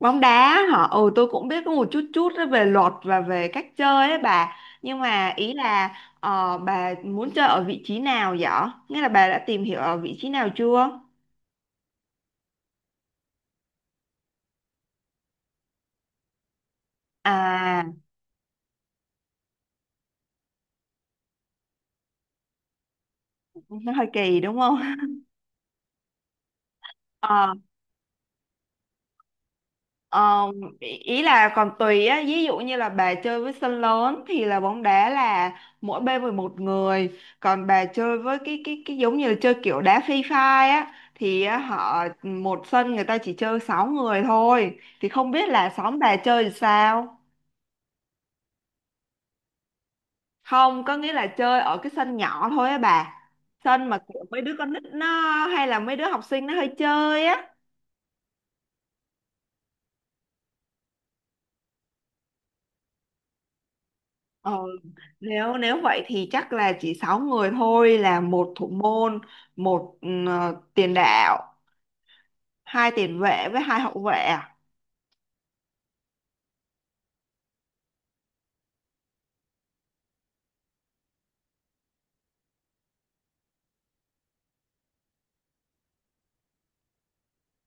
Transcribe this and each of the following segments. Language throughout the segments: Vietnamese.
Bóng đá hả? Ừ, tôi cũng biết có một chút chút á về luật và về cách chơi ấy bà. Nhưng mà ý là bà muốn chơi ở vị trí nào vậy? Nghĩa là bà đã tìm hiểu ở vị trí nào chưa? À, nó hơi kỳ đúng không? Ờ, ý ý là còn tùy á, ví dụ như là bà chơi với sân lớn thì là bóng đá là mỗi bên 11 người, còn bà chơi với cái giống như là chơi kiểu đá Free Fire á thì á, họ một sân người ta chỉ chơi 6 người thôi. Thì không biết là xóm bà chơi thì sao? Không, có nghĩa là chơi ở cái sân nhỏ thôi á bà. Sân mà kiểu mấy đứa con nít nó hay là mấy đứa học sinh nó hơi chơi á. Ờ. Nếu nếu vậy thì chắc là chỉ 6 người thôi: là một thủ môn, một tiền đạo, hai tiền vệ với hai hậu vệ. À?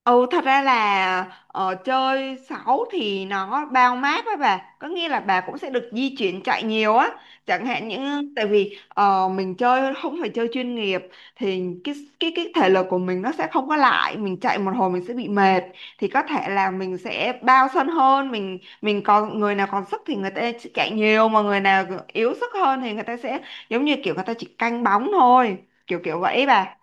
Ừ, thật ra là chơi 6 thì nó bao mát với bà. Có nghĩa là bà cũng sẽ được di chuyển chạy nhiều á. Chẳng hạn những tại vì mình chơi không phải chơi chuyên nghiệp. Thì cái thể lực của mình nó sẽ không có lại. Mình chạy một hồi mình sẽ bị mệt. Thì có thể là mình sẽ bao sân hơn. Mình còn người nào còn sức thì người ta sẽ chạy nhiều, mà người nào yếu sức hơn thì người ta sẽ giống như kiểu người ta chỉ canh bóng thôi. Kiểu kiểu vậy bà.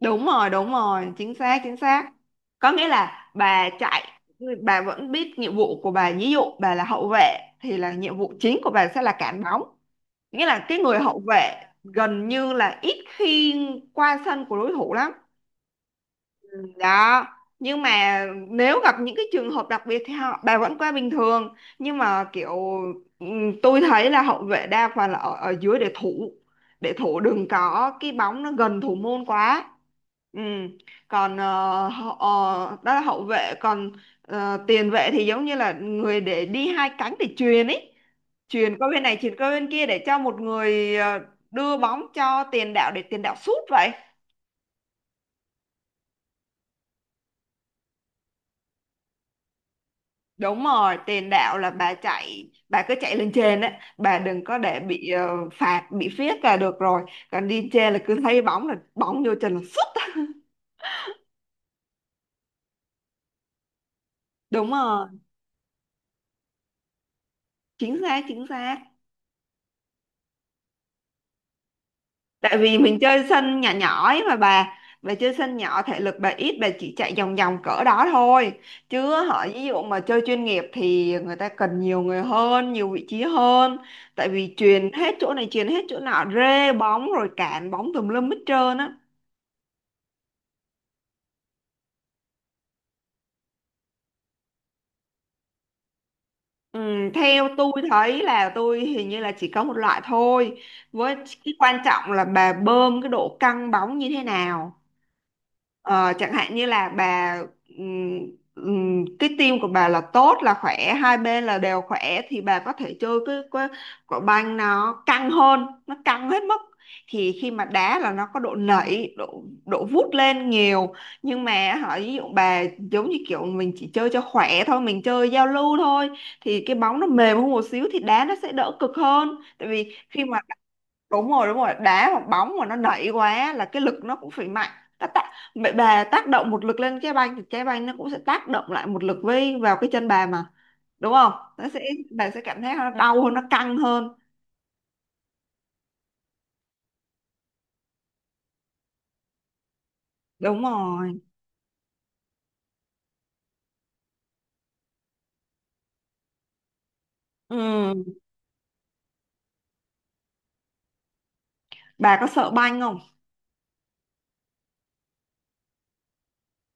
Đúng rồi, đúng rồi, chính xác, chính xác. Có nghĩa là bà chạy, bà vẫn biết nhiệm vụ của bà. Ví dụ bà là hậu vệ thì là nhiệm vụ chính của bà sẽ là cản bóng. Nghĩa là cái người hậu vệ gần như là ít khi qua sân của đối thủ lắm. Đó, nhưng mà nếu gặp những cái trường hợp đặc biệt thì họ bà vẫn qua bình thường. Nhưng mà kiểu tôi thấy là hậu vệ đa phần là ở, ở dưới để thủ, để thủ đừng có cái bóng nó gần thủ môn quá. Ừ. Còn đó là hậu vệ. Còn tiền vệ thì giống như là người để đi hai cánh để chuyền ấy, chuyền qua bên này chuyền qua bên kia để cho một người đưa bóng cho tiền đạo để tiền đạo sút vậy. Đúng rồi, tiền đạo là bà chạy, bà cứ chạy lên trên á, bà đừng có để bị phạt, bị phiết là được rồi. Còn đi trên là cứ thấy bóng là bóng vô chân là sút. Đúng rồi, chính xác, chính xác. Tại vì mình chơi sân nhỏ nhỏ ấy mà bà chơi sân nhỏ thể lực bà ít, bà chỉ chạy vòng vòng cỡ đó thôi. Chứ họ ví dụ mà chơi chuyên nghiệp thì người ta cần nhiều người hơn, nhiều vị trí hơn. Tại vì chuyền hết chỗ này, chuyền hết chỗ nọ, rê bóng rồi cản bóng tùm lum hết trơn á. Ừ, theo tôi thấy là tôi hình như là chỉ có một loại thôi, với cái quan trọng là bà bơm cái độ căng bóng như thế nào. Ờ, chẳng hạn như là bà ừm, cái tim của bà là tốt là khỏe, hai bên là đều khỏe thì bà có thể chơi cái quả banh nó căng hơn, nó căng hết mức, thì khi mà đá là nó có độ nảy, độ độ vút lên nhiều. Nhưng mà hỏi ví dụ bà giống như kiểu mình chỉ chơi cho khỏe thôi, mình chơi giao lưu thôi, thì cái bóng nó mềm hơn một xíu thì đá nó sẽ đỡ cực hơn. Tại vì khi mà đúng rồi đá hoặc bóng mà nó nảy quá là cái lực nó cũng phải mạnh, nó tác, mẹ bà tác động một lực lên trái banh thì trái banh nó cũng sẽ tác động lại một lực với vào cái chân bà mà, đúng không? Nó sẽ, bà sẽ cảm thấy nó đau hơn, nó căng hơn. Đúng rồi. Ừ. Bà có sợ banh không?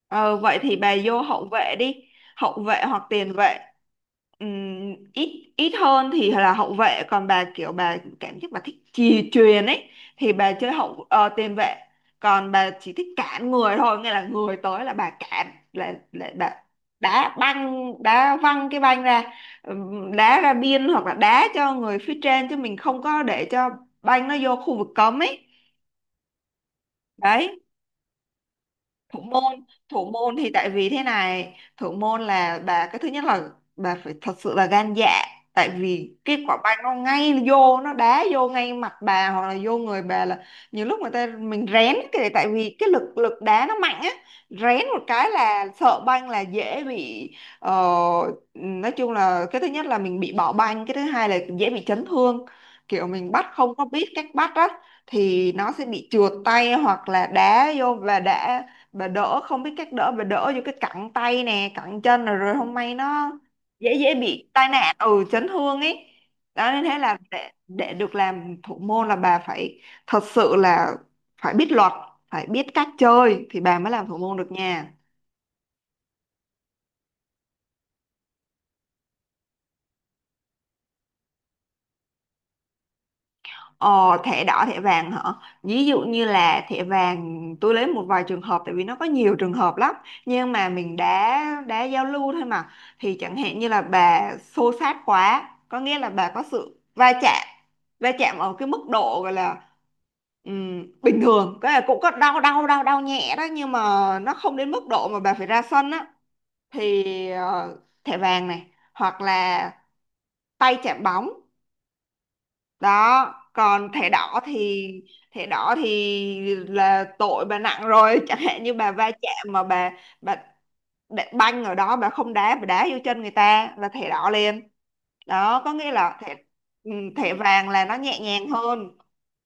Ờ, vậy thì bà vô hậu vệ đi, hậu vệ hoặc tiền vệ. Ít ít hơn thì là hậu vệ, còn bà kiểu bà cảm giác bà thích chì chuyền ấy thì bà chơi tiền vệ. Còn bà chỉ thích cản người thôi, nghĩa là người tới là bà cản, là bà đá băng đá văng cái banh ra, đá ra biên, hoặc là đá cho người phía trên, chứ mình không có để cho banh nó vô khu vực cấm ấy. Đấy. Thủ môn thì tại vì thế này, thủ môn là bà, cái thứ nhất là bà phải thật sự là gan dạ. Tại vì cái quả banh nó ngay vô, nó đá vô ngay mặt bà hoặc là vô người bà là nhiều lúc người ta mình rén cái, tại vì cái lực lực đá nó mạnh á. Rén một cái là sợ banh là dễ bị ờ, nói chung là cái thứ nhất là mình bị bỏ banh, cái thứ hai là dễ bị chấn thương. Kiểu mình bắt không có biết cách bắt á, thì nó sẽ bị trượt tay, hoặc là đá vô và đã bà đỡ không biết cách đỡ, bà đỡ vô cái cẳng tay nè, cẳng chân rồi rồi không may nó dễ dễ bị tai nạn, ừ, chấn thương ấy. Đó, nên thế là để được làm thủ môn là bà phải thật sự là phải biết luật, phải biết cách chơi thì bà mới làm thủ môn được nha. Ờ, thẻ đỏ thẻ vàng hả? Ví dụ như là thẻ vàng, tôi lấy một vài trường hợp tại vì nó có nhiều trường hợp lắm, nhưng mà mình đã giao lưu thôi mà, thì chẳng hạn như là bà xô xát quá, có nghĩa là bà có sự va chạm, va chạm ở cái mức độ gọi là bình thường, cái là cũng có đau, đau nhẹ đó, nhưng mà nó không đến mức độ mà bà phải ra sân á, thì thẻ vàng này, hoặc là tay chạm bóng. Đó, còn thẻ đỏ thì, thẻ đỏ thì là tội bà nặng rồi. Chẳng hạn như bà va chạm mà bà đá- banh ở đó bà không đá, bà đá vô chân người ta là thẻ đỏ liền. Đó, có nghĩa là thẻ, ừ, thẻ vàng là nó nhẹ nhàng hơn.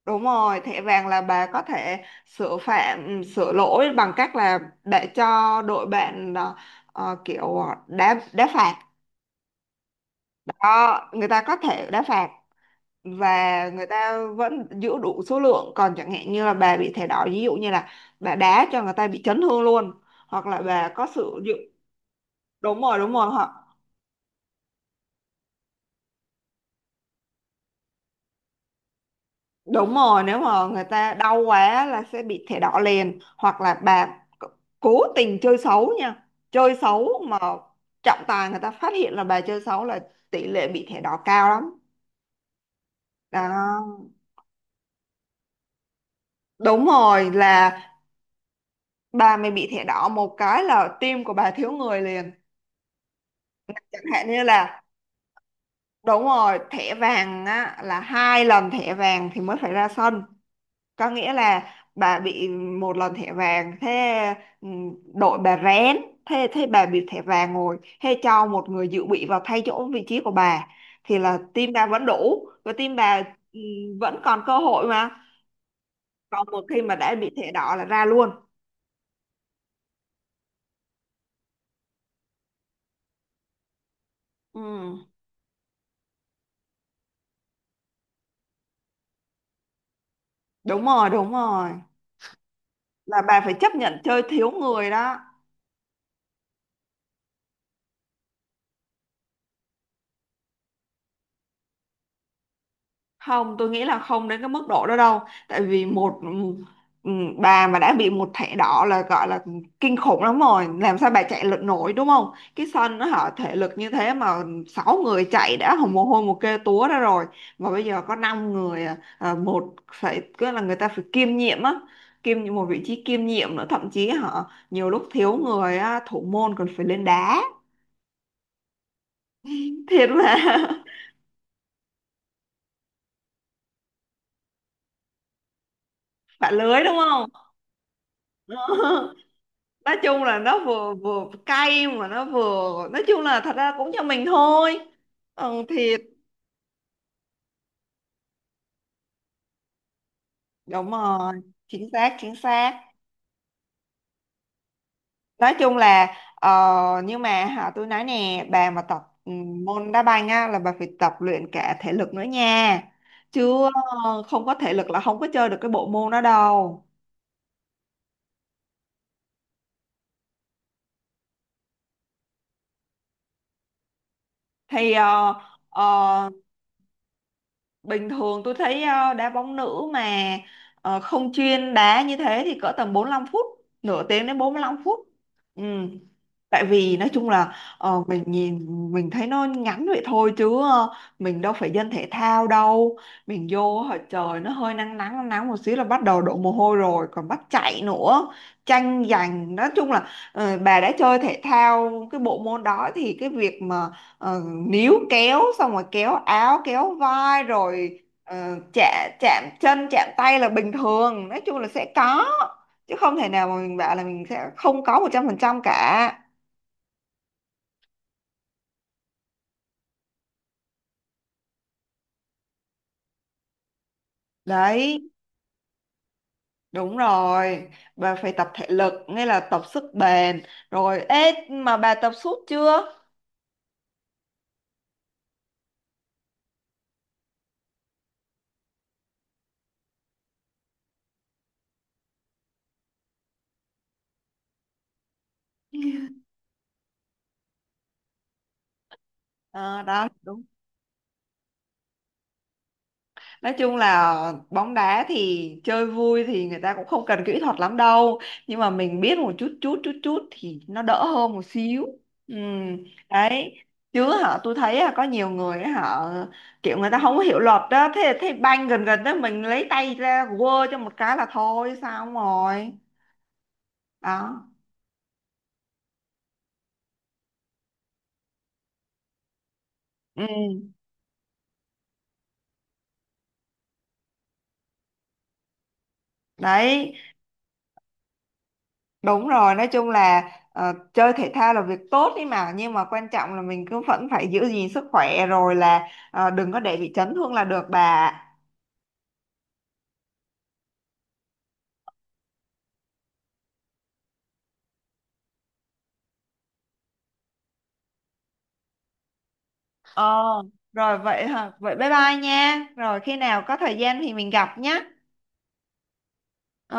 Đúng rồi, thẻ vàng là bà có thể sửa phạm sửa lỗi bằng cách là để cho đội bạn kiểu đá, đá phạt. Đó, người ta có thể đá phạt và người ta vẫn giữ đủ số lượng. Còn chẳng hạn như là bà bị thẻ đỏ, ví dụ như là bà đá cho người ta bị chấn thương luôn, hoặc là bà có sử dụng đúng rồi họ đúng rồi, nếu mà người ta đau quá là sẽ bị thẻ đỏ liền, hoặc là bà c- cố tình chơi xấu nha, chơi xấu mà trọng tài người ta phát hiện là bà chơi xấu là tỷ lệ bị thẻ đỏ cao lắm. Đó, đúng rồi, là bà mày bị thẻ đỏ một cái là tim của bà thiếu người liền. Chẳng hạn như là đúng rồi, thẻ vàng á là hai lần thẻ vàng thì mới phải ra sân. Có nghĩa là bà bị một lần thẻ vàng thế, ừ, đội bà rén, thế thế bà bị thẻ vàng rồi thế cho một người dự bị vào thay chỗ vị trí của bà thì là team bà vẫn đủ, và team bà, ừ, vẫn còn cơ hội mà. Còn một khi mà đã bị thẻ đỏ là ra luôn. Ừ, đúng rồi, đúng rồi. Là bà phải chấp nhận chơi thiếu người đó. Không, tôi nghĩ là không đến cái mức độ đó đâu, tại vì một, ừ, bà mà đã bị một thẻ đỏ là gọi là kinh khủng lắm rồi, làm sao bà chạy lực nổi, đúng không? Cái sân nó họ thể lực như thế mà sáu người chạy đã hồng mồ hôi một kê túa ra rồi, mà bây giờ có năm người à, một phải cứ là người ta phải kiêm nhiệm á, kiêm nhiệm một vị trí kiêm nhiệm nữa, thậm chí họ nhiều lúc thiếu người á, thủ môn còn phải lên đá thiệt mà. Bạn lưới đúng không? Nói chung là nó vừa vừa cay mà nó vừa nói chung là thật ra cũng cho mình thôi. Ừ, thịt đúng rồi, chính xác, chính xác. Nói chung là nhưng mà hả, tôi nói nè, bà mà tập môn đá banh á là bà phải tập luyện cả thể lực nữa nha. Chứ không có thể lực là không có chơi được cái bộ môn đó đâu. Thì ờ, bình thường tôi thấy đá bóng nữ mà không chuyên đá như thế thì cỡ tầm 45 phút, nửa tiếng đến 45 phút. Ừ, tại vì nói chung là mình nhìn, mình thấy nó ngắn vậy thôi, chứ mình đâu phải dân thể thao đâu, mình vô hồi trời nó hơi nắng nắng nắng nắng một xíu là bắt đầu đổ mồ hôi rồi còn bắt chạy nữa, tranh giành. Nói chung là bà đã chơi thể thao cái bộ môn đó thì cái việc mà ờ, níu kéo xong rồi kéo áo kéo vai rồi chạm, chạm chân chạm tay là bình thường, nói chung là sẽ có, chứ không thể nào mà mình bảo là mình sẽ không có 100% cả. Đấy, đúng rồi. Bà phải tập thể lực, nghĩa là tập sức bền. Rồi, ê, mà bà tập suốt chưa? À, đó, đúng. Nói chung là bóng đá thì chơi vui thì người ta cũng không cần kỹ thuật lắm đâu. Nhưng mà mình biết một chút chút chút chút thì nó đỡ hơn một xíu. Ừ, đấy. Chứ họ tôi thấy là có nhiều người ấy, họ kiểu người ta không có hiểu luật đó. Thế thế banh gần gần đó mình lấy tay ra quơ cho một cái là thôi, sao không rồi. Đó. Ừ. Đấy, đúng rồi, nói chung là chơi thể thao là việc tốt ấy mà, nhưng mà quan trọng là mình cứ vẫn phải giữ gìn sức khỏe rồi là đừng có để bị chấn thương là được bà. Ạ. Ờ, rồi vậy hả? Vậy bye bye nha. Rồi khi nào có thời gian thì mình gặp nhé.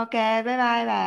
Ok, bye bye bà.